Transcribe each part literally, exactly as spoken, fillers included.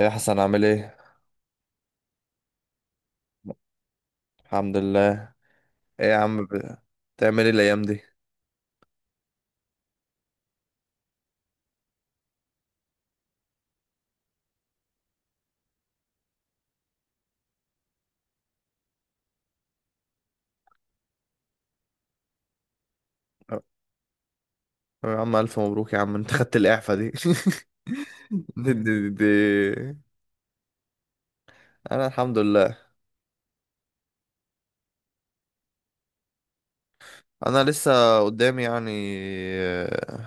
ايه يا حسن، عامل ايه؟ الحمد لله. ايه يا عم، ب... بتعمل ايه الايام دي؟ أه، يا عم الف مبروك يا عم، انت خدت الاعفاء دي دي, دي, دي, دي. انا الحمد لله. انا لسه قدامي يعني، آه،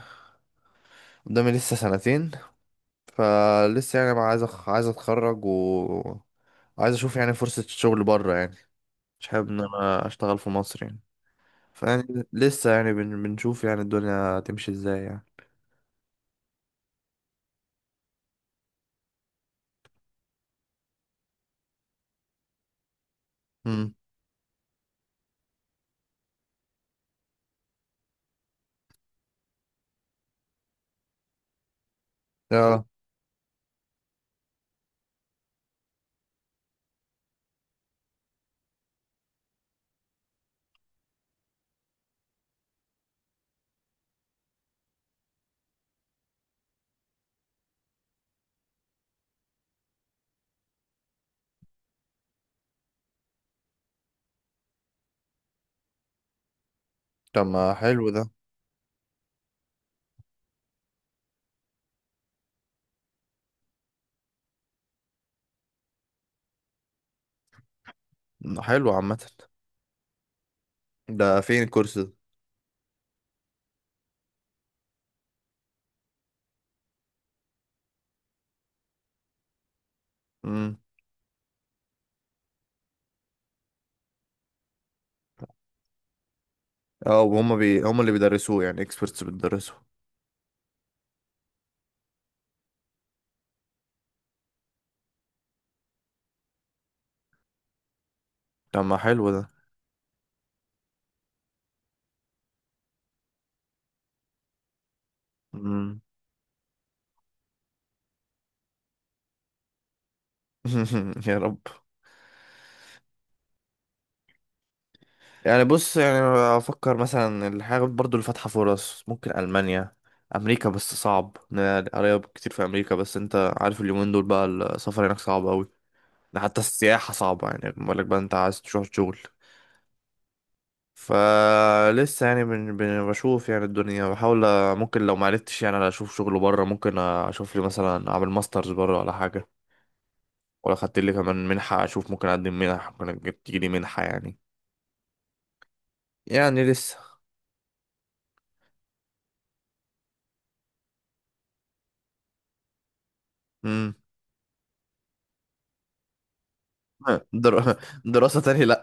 قدامي لسه سنتين. فلسه يعني ما عايز أخ... عايز اتخرج و عايز اشوف يعني فرصة الشغل بره يعني، مش حابب ان انا اشتغل في مصر يعني. فيعني لسه يعني بن... بنشوف يعني الدنيا هتمشي ازاي يعني. امم. اه. طب، ما حلو ده. حلو عامة. ده فين الكورس ده؟ امم. اه، وهم بي... هم اللي بيدرسوه، يعني اكسبرتس بتدرسوه؟ طب، ما حلو ده. امم. يا رب. يعني بص يعني، افكر مثلا الحاجة برضو اللي فاتحة فرص، ممكن المانيا، امريكا. بس صعب، إن قرايب كتير في امريكا، بس انت عارف اليومين دول بقى السفر هناك صعب قوي. ده حتى السياحة صعبة، يعني بالك بقى انت عايز تروح شغل. فلسه يعني بن بن- بشوف يعني الدنيا، بحاول أ- ممكن لو معرفتش يعني اشوف شغل بره، ممكن اشوف لي مثلا اعمل ماسترز بره ولا حاجه. ولا خدت لي كمان منحه، اشوف ممكن اقدم منح، ممكن أجيب- تيجي لي منحه يعني. يعني لسه. امم. در... دراسه تاني، لا.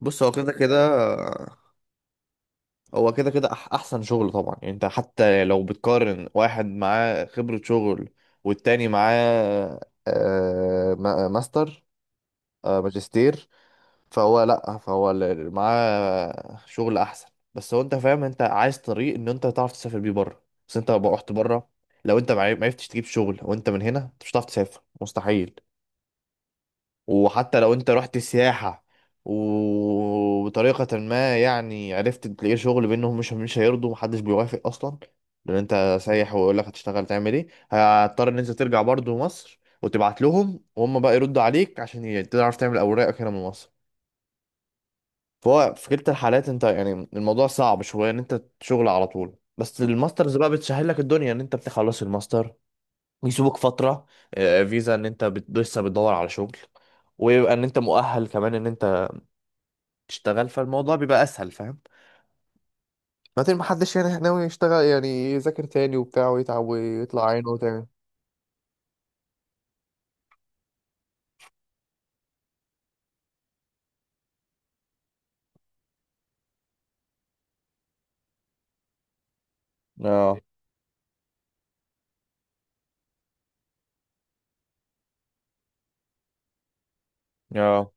بص، هو كده كده، هو كده كده أح- احسن شغل طبعا. يعني انت حتى لو بتقارن واحد معاه خبره شغل والتاني معاه آه، ما- ماستر، آه، ماجستير، فهو لا، فهو اللي معاه شغل احسن. بس هو انت فاهم، انت عايز طريق ان انت تعرف تسافر بيه بره، بس انت لو رحت بره، لو انت ما عرف- ما عرفتش تجيب شغل او انت من هنا، انت مش هتعرف تسافر، مستحيل. وحتى لو انت رحت سياحة، وبطريقة ما يعني عرفت تلاقي شغل بينهم، مش مش هيرضوا، محدش بيوافق اصلا. لان انت سايح، ويقول لك هتشتغل تعمل ايه، هتضطر ان انت ترجع برضه مصر وتبعت لهم، وهم بقى يردوا عليك عشان ي- تعرف تعمل اوراقك هنا من مصر. فهو في كلتا الحالات انت يعني الموضوع صعب شويه ان انت شغل على طول، بس الماسترز بقى بتسهل لك الدنيا، ان انت بتخلص الماستر، يسيبوك فتره، آه، فيزا ان انت بت- لسه بتدور على شغل، ويبقى ان انت مؤهل كمان ان انت تشتغل، فالموضوع بيبقى اسهل، فاهم؟ بعدين، ما حدش يعني ناوي يشتغل يعني يذاكر تاني وبتاع ويتعب ويطلع عينه تاني. اه. اه.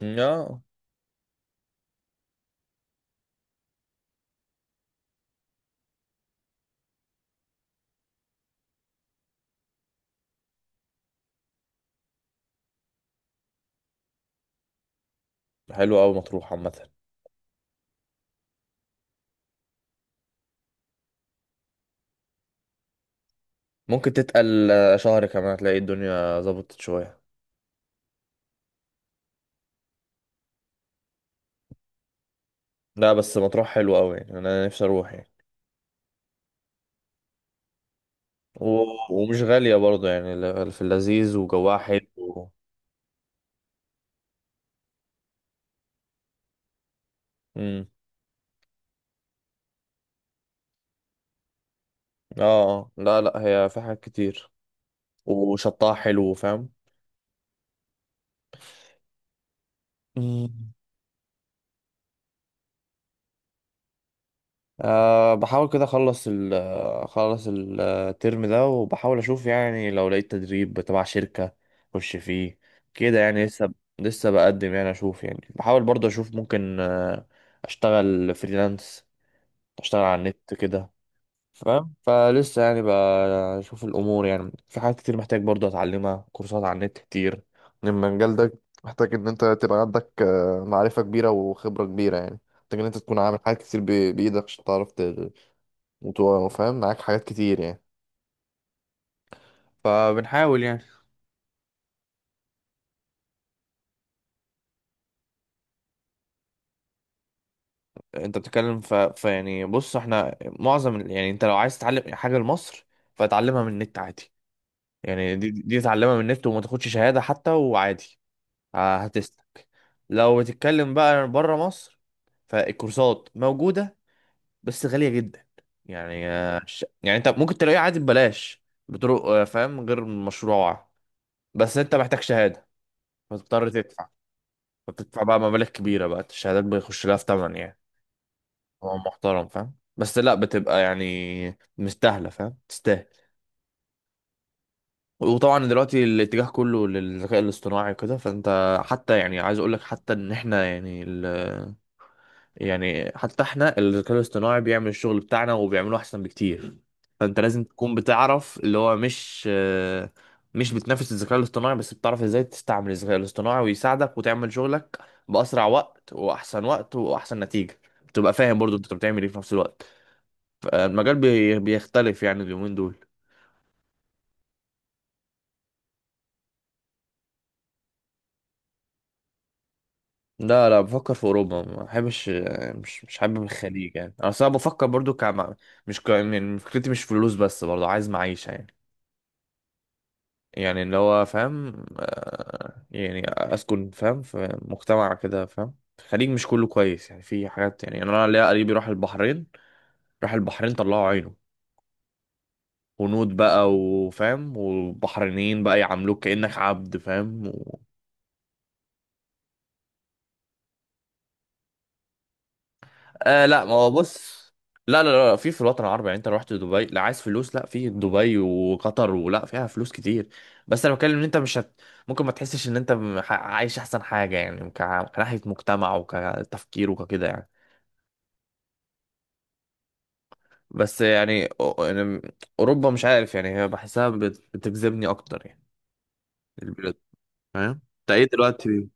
اه. حلو قوي مطروح عامه. ممكن تتقل آه، شهر كمان هتلاقي الدنيا ظبطت شويه. لا بس مطروح حلو قوي، يعني انا نفسي اروح يعني. و- ومش غالية برضه، يعني ل- في اللذيذ وجواها حلو و... مم. اه. آه. لا لا، هي في حاجات كتير، وشطها حلو، فاهم. مم. أه بحاول كده اخلص ال اخلص الترم ده، وبحاول اشوف يعني لو لقيت تدريب تبع شركة اخش فيه، كده يعني لسه. لسه بقدم يعني، اشوف يعني بحاول برضه اشوف ممكن آه، اشتغل فريلانس، اشتغل على النت كده، فاهم؟ فلسه يعني بشوف الامور، يعني في حاجات كتير محتاج برضه اتعلمها، كورسات على النت كتير. إن المجال ده محتاج ان انت تبقى عندك آه، معرفة كبيرة وخبرة كبيرة يعني، محتاج ان انت تكون عامل حاجات كتير ب- بايدك، عشان تعرف ت- وت- وفاهم معاك حاجات كتير يعني. فبنحاول يعني. انت بتتكلم ف... فيعني بص، احنا معظم ال- يعني انت لو عايز تتعلم حاجه لمصر فتعلمها من النت عادي، يعني دي دي تعلمها من النت وما تاخدش شهاده حتى، وعادي ه- هتسلك. لو بتتكلم بقى بره مصر، فالكورسات موجودة بس غالية جدا، يعني آه، ش- يعني انت ممكن تلاقيها عادي ببلاش، بطرق آه، فاهم، غير مشروعة، بس انت محتاج شهادة، فتضطر تدفع، فتدفع بقى مبالغ كبيرة، بقى الشهادات بيخش لها في تمن يعني. هو محترم، فاهم، بس لا، بتبقى يعني مستاهلة، فاهم؟ تستاهل. وطبعا دلوقتي الاتجاه كله للذكاء الاصطناعي وكده، فانت حتى، يعني عايز اقول لك حتى ان احنا يعني، يعني حتى احنا الذكاء الاصطناعي بيعمل الشغل بتاعنا وبيعمله احسن بكتير، فانت لازم تكون بتعرف اللي هو مش آه، مش بتنافس الذكاء الاصطناعي، بس بتعرف ازاي تستعمل الذكاء الاصطناعي ويساعدك وتعمل شغلك بأسرع وقت وأحسن وقت وأحسن نتيجة، تبقى فاهم برضو انت بتعمل ايه في نفس الوقت. فالمجال بي- بيختلف يعني اليومين دول. لا لا، بفكر في اوروبا، ما بحبش، مش مش حابب الخليج، يعني انا أصل انا بفكر برضو كمع... مش ك... يعني فكرتي مش فلوس بس، برضو عايز معيشة يعني. يعني اللي هو فاهم، آه، يعني اسكن فاهم في مجتمع كده فاهم. الخليج مش كله كويس، يعني في حاجات، يعني يعني انا ليا قريبي راح البحرين، راح البحرين، طلعوا عينه. هنود بقى، وفاهم، والبحرينيين بقى يعاملوك كأنك عبد، فاهم و... آه لا، ما هو بص، لا لا لا، في في الوطن العربي، يعني انت لو رحت دبي، لا عايز فلوس، لا في دبي وقطر ولا فيها فلوس كتير، بس انا بتكلم ان انت مش هت... ممكن ما تحسش ان انت م- ح- عايش احسن حاجة، يعني ك- كناحية مجتمع وكتفكير وككده يعني. بس يعني أو- يعني اوروبا، مش عارف، يعني هي بحسها بت- بتجذبني اكتر يعني، البلاد، فاهم؟ انت ايه دلوقتي؟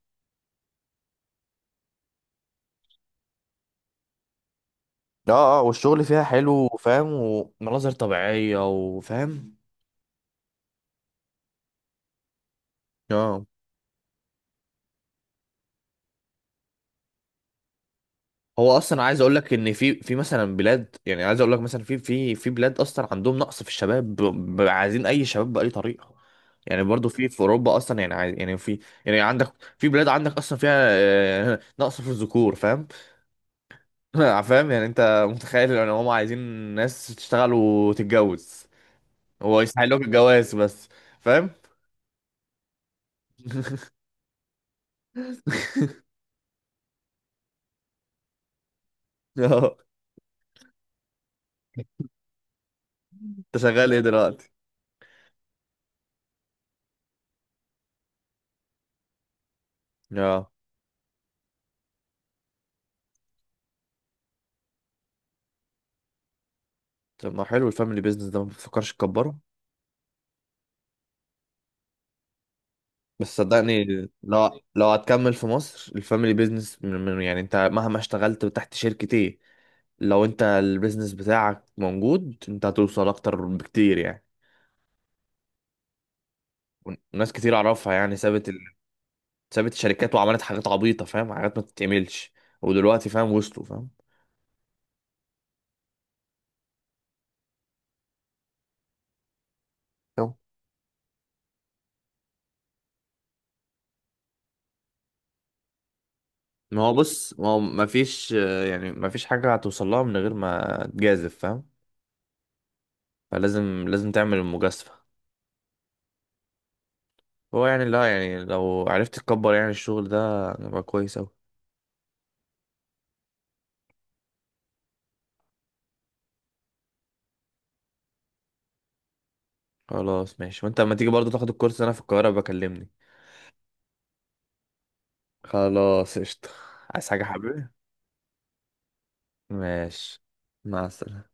اه. اه، والشغل فيها حلو، فاهم، ومناظر طبيعية، وفاهم. اه، هو اصلا عايز اقول لك ان في في مثلا بلاد، يعني عايز اقول لك مثلا في في في بلاد اصلا عندهم نقص في الشباب، ب- ب- عايزين اي شباب باي طريقة، يعني برضو في في اوروبا اصلا يعني، عايز يعني في. يعني عندك، في بلاد عندك اصلا فيها آه، نقص في الذكور، فاهم؟ فاهم؟ يعني انت متخيل ان هم عايزين ناس تشتغل وتتجوز، هو يسهل لك الجواز بس، فاهم؟ اه. انت شغال ايه دلوقتي؟ اه، طب، ما حلو الفاميلي بيزنس ده، ما بتفكرش تكبره؟ بس صدقني، لو لو هتكمل في مصر الفاميلي بيزنس، من من- يعني انت مهما اشتغلت تحت شركة ايه، لو انت البيزنس بتاعك موجود، انت هتوصل اكتر بكتير يعني. وناس كتير اعرفها يعني سابت ال... سابت الشركات وعملت حاجات عبيطة، فاهم، حاجات ما تتعملش، ودلوقتي فاهم وصلوا، فاهم؟ أهو. ما هو بص، ما هو ما فيش، يعني ما فيش حاجة هتوصل لها من غير ما تجازف، فاهم؟ فلازم، لازم تعمل المجازفة. هو يعني لا، يعني لو عرفت تكبر يعني الشغل ده، يبقى كويس أوي. خلاص، ماشي. وانت لما تيجي برضه تاخد الكورس انا في القاهرة، بكلمني. خلاص، قشطة. عايز حاجة حبيبي؟ ماشي. مع السلامة.